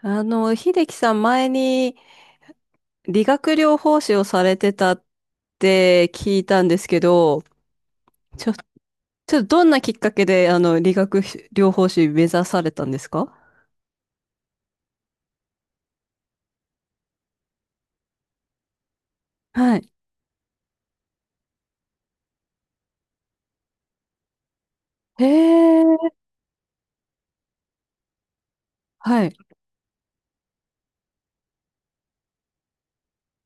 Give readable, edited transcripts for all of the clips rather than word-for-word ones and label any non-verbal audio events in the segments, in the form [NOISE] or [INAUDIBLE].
秀樹さん前に理学療法士をされてたって聞いたんですけど、ちょっとどんなきっかけで理学療法士目指されたんですか？はい。へえ、はい。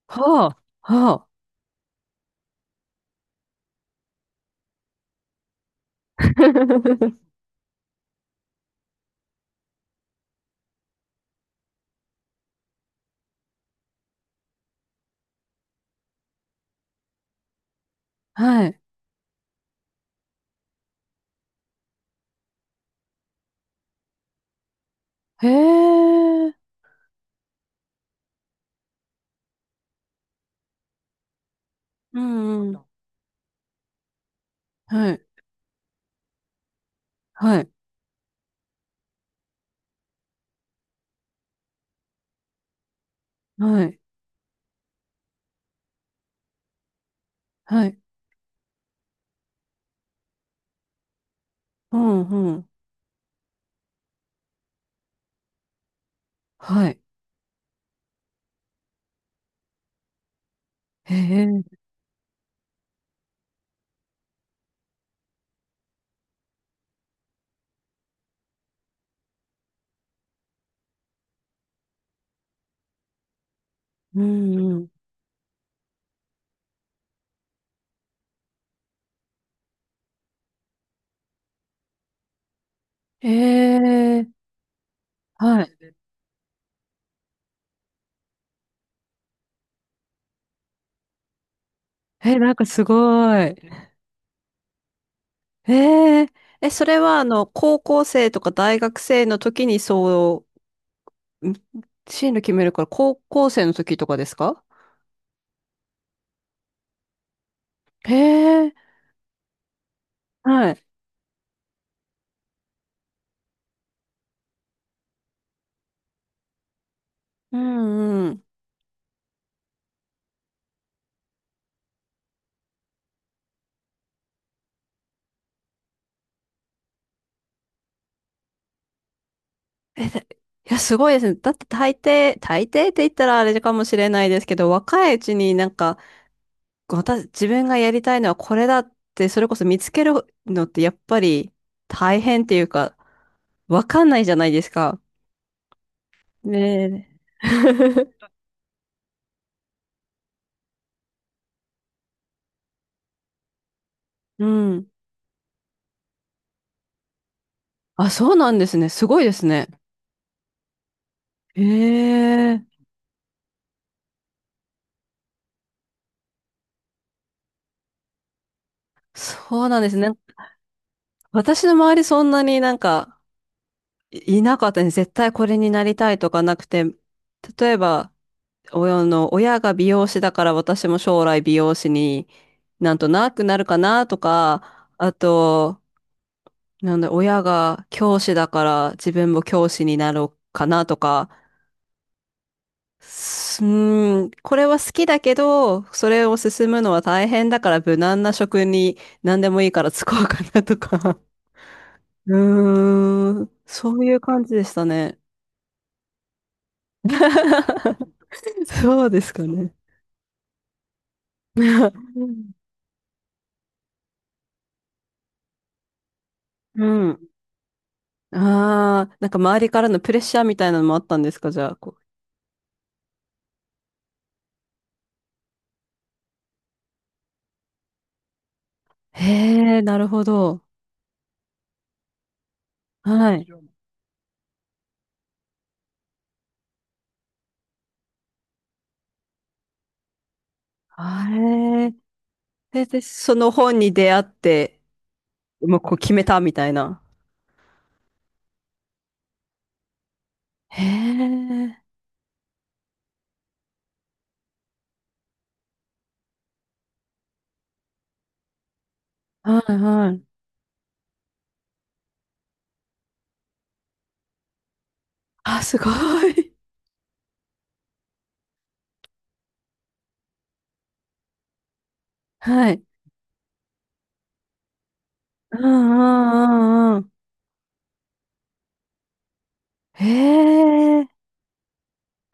はあ、はあ、はい。へえ、うんうん。はい、はい、はい、はい。うん、うん。はい。へえ、うん、うん。へえ、はい。え、なんかすごい。えええ、それは高校生とか大学生の時にう、ん進路決めるから高校生の時とかですか？へえ、はい。うんうん。え、で、いや、すごいですね。だって大抵って言ったらあれかもしれないですけど、若いうちになんか、私、自分がやりたいのはこれだって、それこそ見つけるのってやっぱり大変っていうか、わかんないじゃないですか。ねえ。[LAUGHS] うん。あ、そうなんですね。すごいですね。ええ、そうなんですね。私の周りそんなになんかいいなかったね。絶対これになりたいとかなくて、例えば、親が美容師だから私も将来美容師になんとなくなるかなとか、あと、なんだ、親が教師だから自分も教師になろうかなとか、すうーん、これは好きだけど、それを進むのは大変だから無難な職に何でもいいから就こうかなとか。そういう感じでしたね。[LAUGHS] そうですかね。うん。ああ、なんか周りからのプレッシャーみたいなのもあったんですか、じゃあ？へえ、なるほど。はい。あれ。で、その本に出会って、もうこう決めたみたいな。へえ。はいはい。あ、すごい。はい。うんうんうんうん。へえ。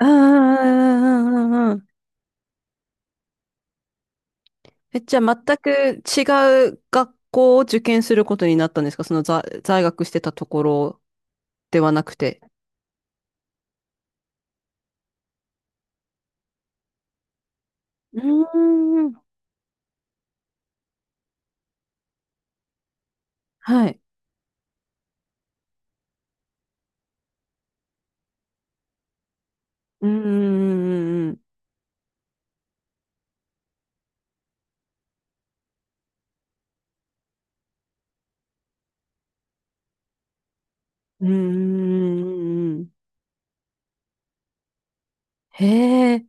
うんうんうんうんうんうん。え、じゃあ全く違う学校を受験することになったんですか、その在学してたところではなくて？うーん。はい。うーん。うーん。へえ。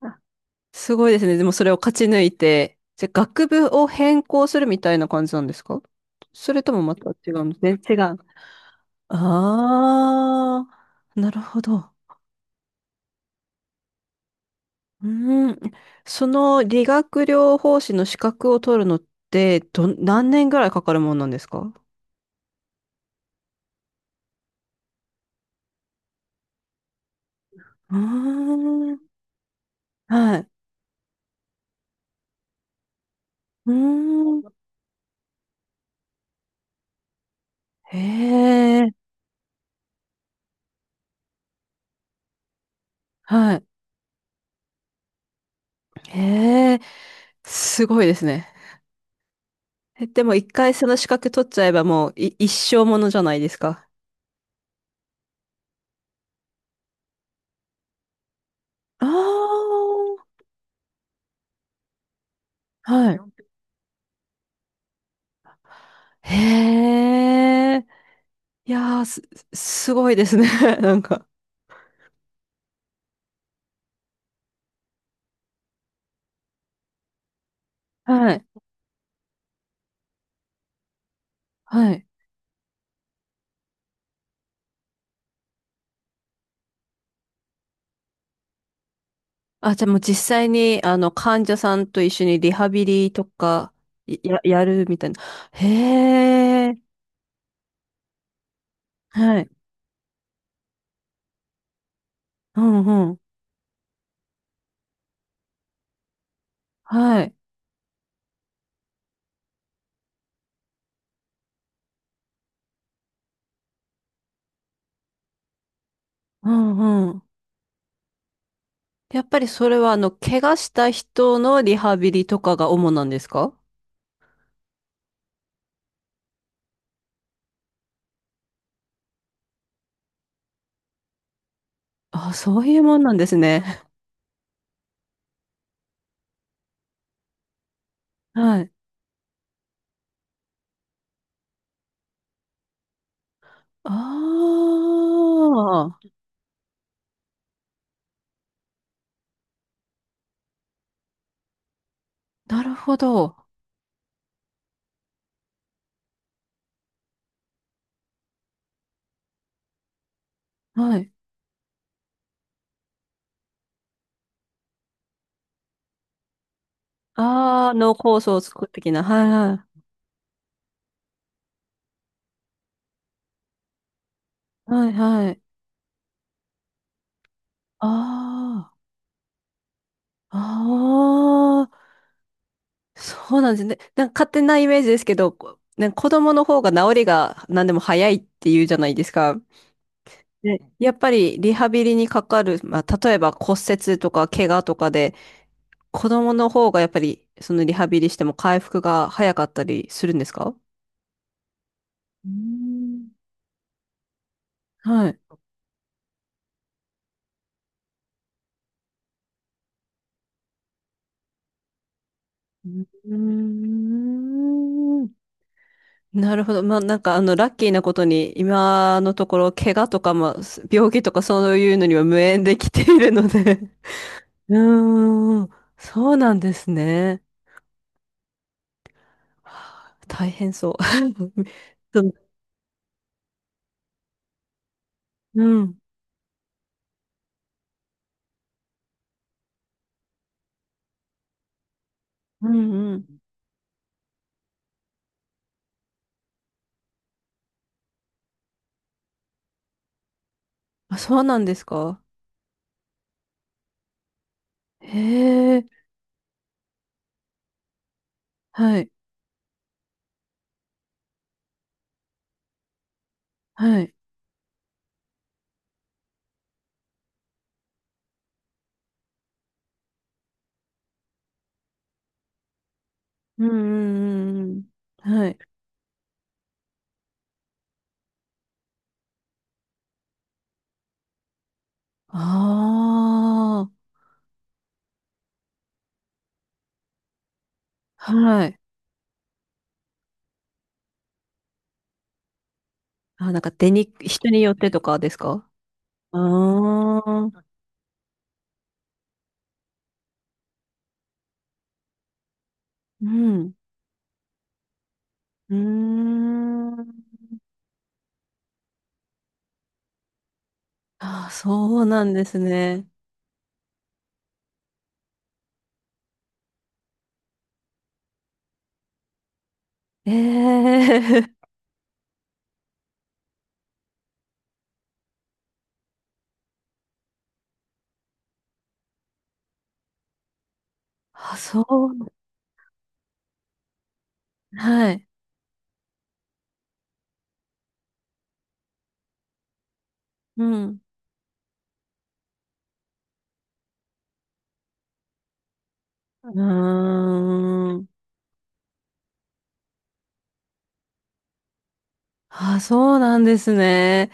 あ、すごいですね。でもそれを勝ち抜いて、じゃあ学部を変更するみたいな感じなんですか？それともまた違うんで違う。ああ、なるほど。うーん、その理学療法士の資格を取るのって何年ぐらいかかるもんなんですか？うーん、はい。うーん、へえ、はい。へえ、すごいですね。え、でも一回その資格取っちゃえばもう一生ものじゃないですか。ああ、はい。へえ、いやー、すごいですね。[LAUGHS] なんか。はい。はい。あ、じゃあもう実際に、患者さんと一緒にリハビリとか、いや、やるみたいな。へえ、はい。うんうん。はい。うんうん。やっぱりそれは、怪我した人のリハビリとかが主なんですか？あ、そういうもんなんですね。[LAUGHS] はい。ああ、なるほど。はい。ああ、脳梗塞的な。はいはい。はいはい。ああ、あ、そうなんですね。なんか勝手なイメージですけど、なんか子供の方が治りが何でも早いっていうじゃないですか。で、やっぱりリハビリにかかる、まあ、例えば骨折とか怪我とかで、子供の方がやっぱりそのリハビリしても回復が早かったりするんですか？うーん、はい。うーん、なるほど。まあ、なんかラッキーなことに、今のところ、怪我とか、まあ、病気とかそういうのには無縁できているので。うーん、そうなんですね。はあ、大変そう。[LAUGHS] そう、うん、うん、うん。あ、そうなんですか。へえ、はい、はい。うん、うん、うんうん。はい。ああ、はい。あ、なんか人によってとかですか？ああー、うん、うーん。あ、そうなんですね。ええ、[LAUGHS] あ、そう、はい。うん。うーん。あ、そうなんですね。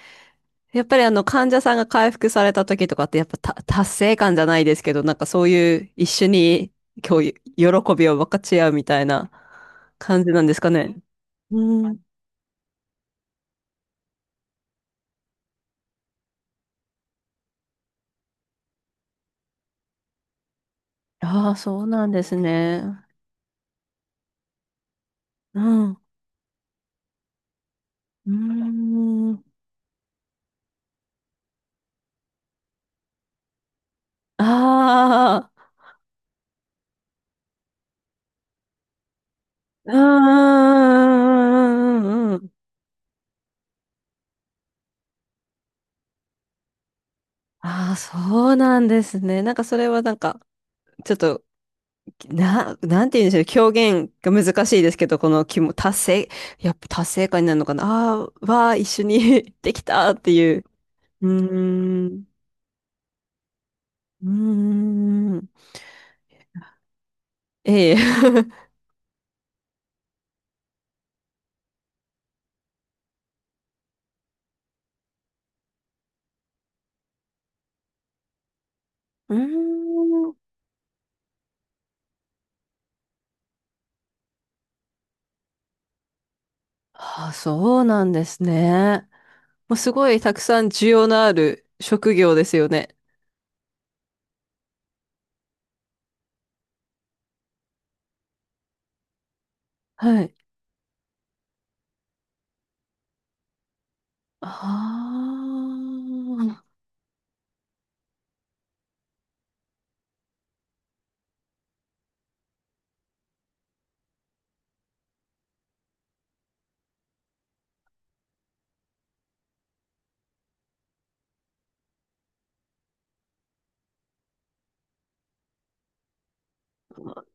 やっぱり患者さんが回復された時とかってやっぱた達成感じゃないですけど、なんかそういう一緒に今日喜びを分かち合うみたいな感じなんですかね？うん。ああ、そうなんですね。うん。うーん。ああ、うーん。ああ、そうなんですね。なんかそれはなんか、ちょっとなんて言うんでしょう。表現が難しいですけど、この気も、達成、やっぱ達成感になるのかな。ああー、わあ、一緒に [LAUGHS] できたっていう。うーん。うーん。ええ。[LAUGHS] うーん。ああ、そうなんですね。もうすごいたくさん需要のある職業ですよね。はい。ああ、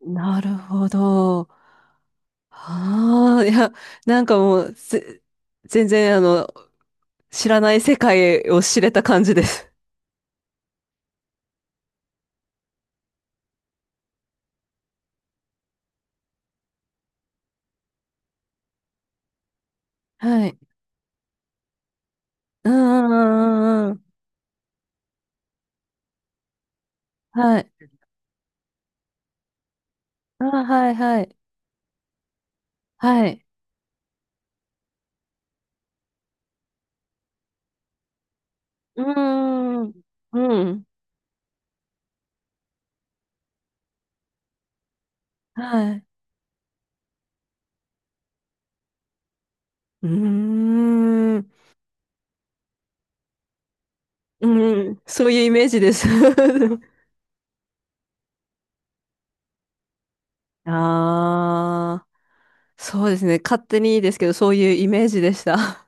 なるほど。ああ、いや、なんかもう、全然、知らない世界を知れた感じです。はい。うんうんうんうんうん。はい。あー、はいはい。はい。うーん。うん。はい。うーん。うん。そういうイメージです。[LAUGHS] ああ、そうですね。勝手にいいですけど、そういうイメージでした。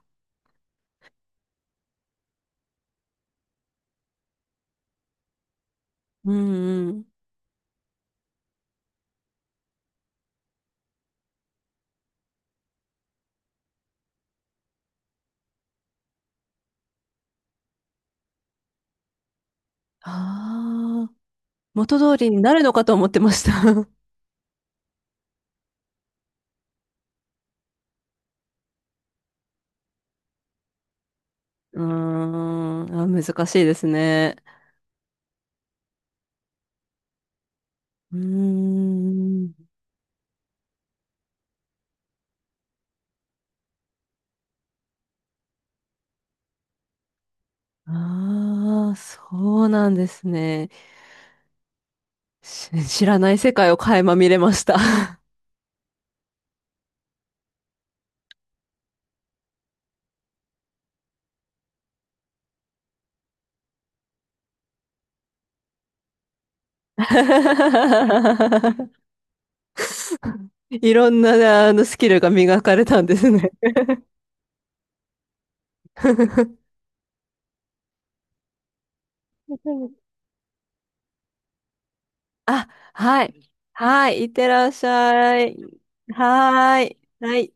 うんうん。ああ、元通りになるのかと思ってました。うーん、あ、難しいですね。うーん。ああ、そうなんですね。知らない世界を垣間見れました。[LAUGHS] いろんな、スキルが磨かれたんですね。[LAUGHS] あ、はい。はい。いってらっしゃい。はーい。はい。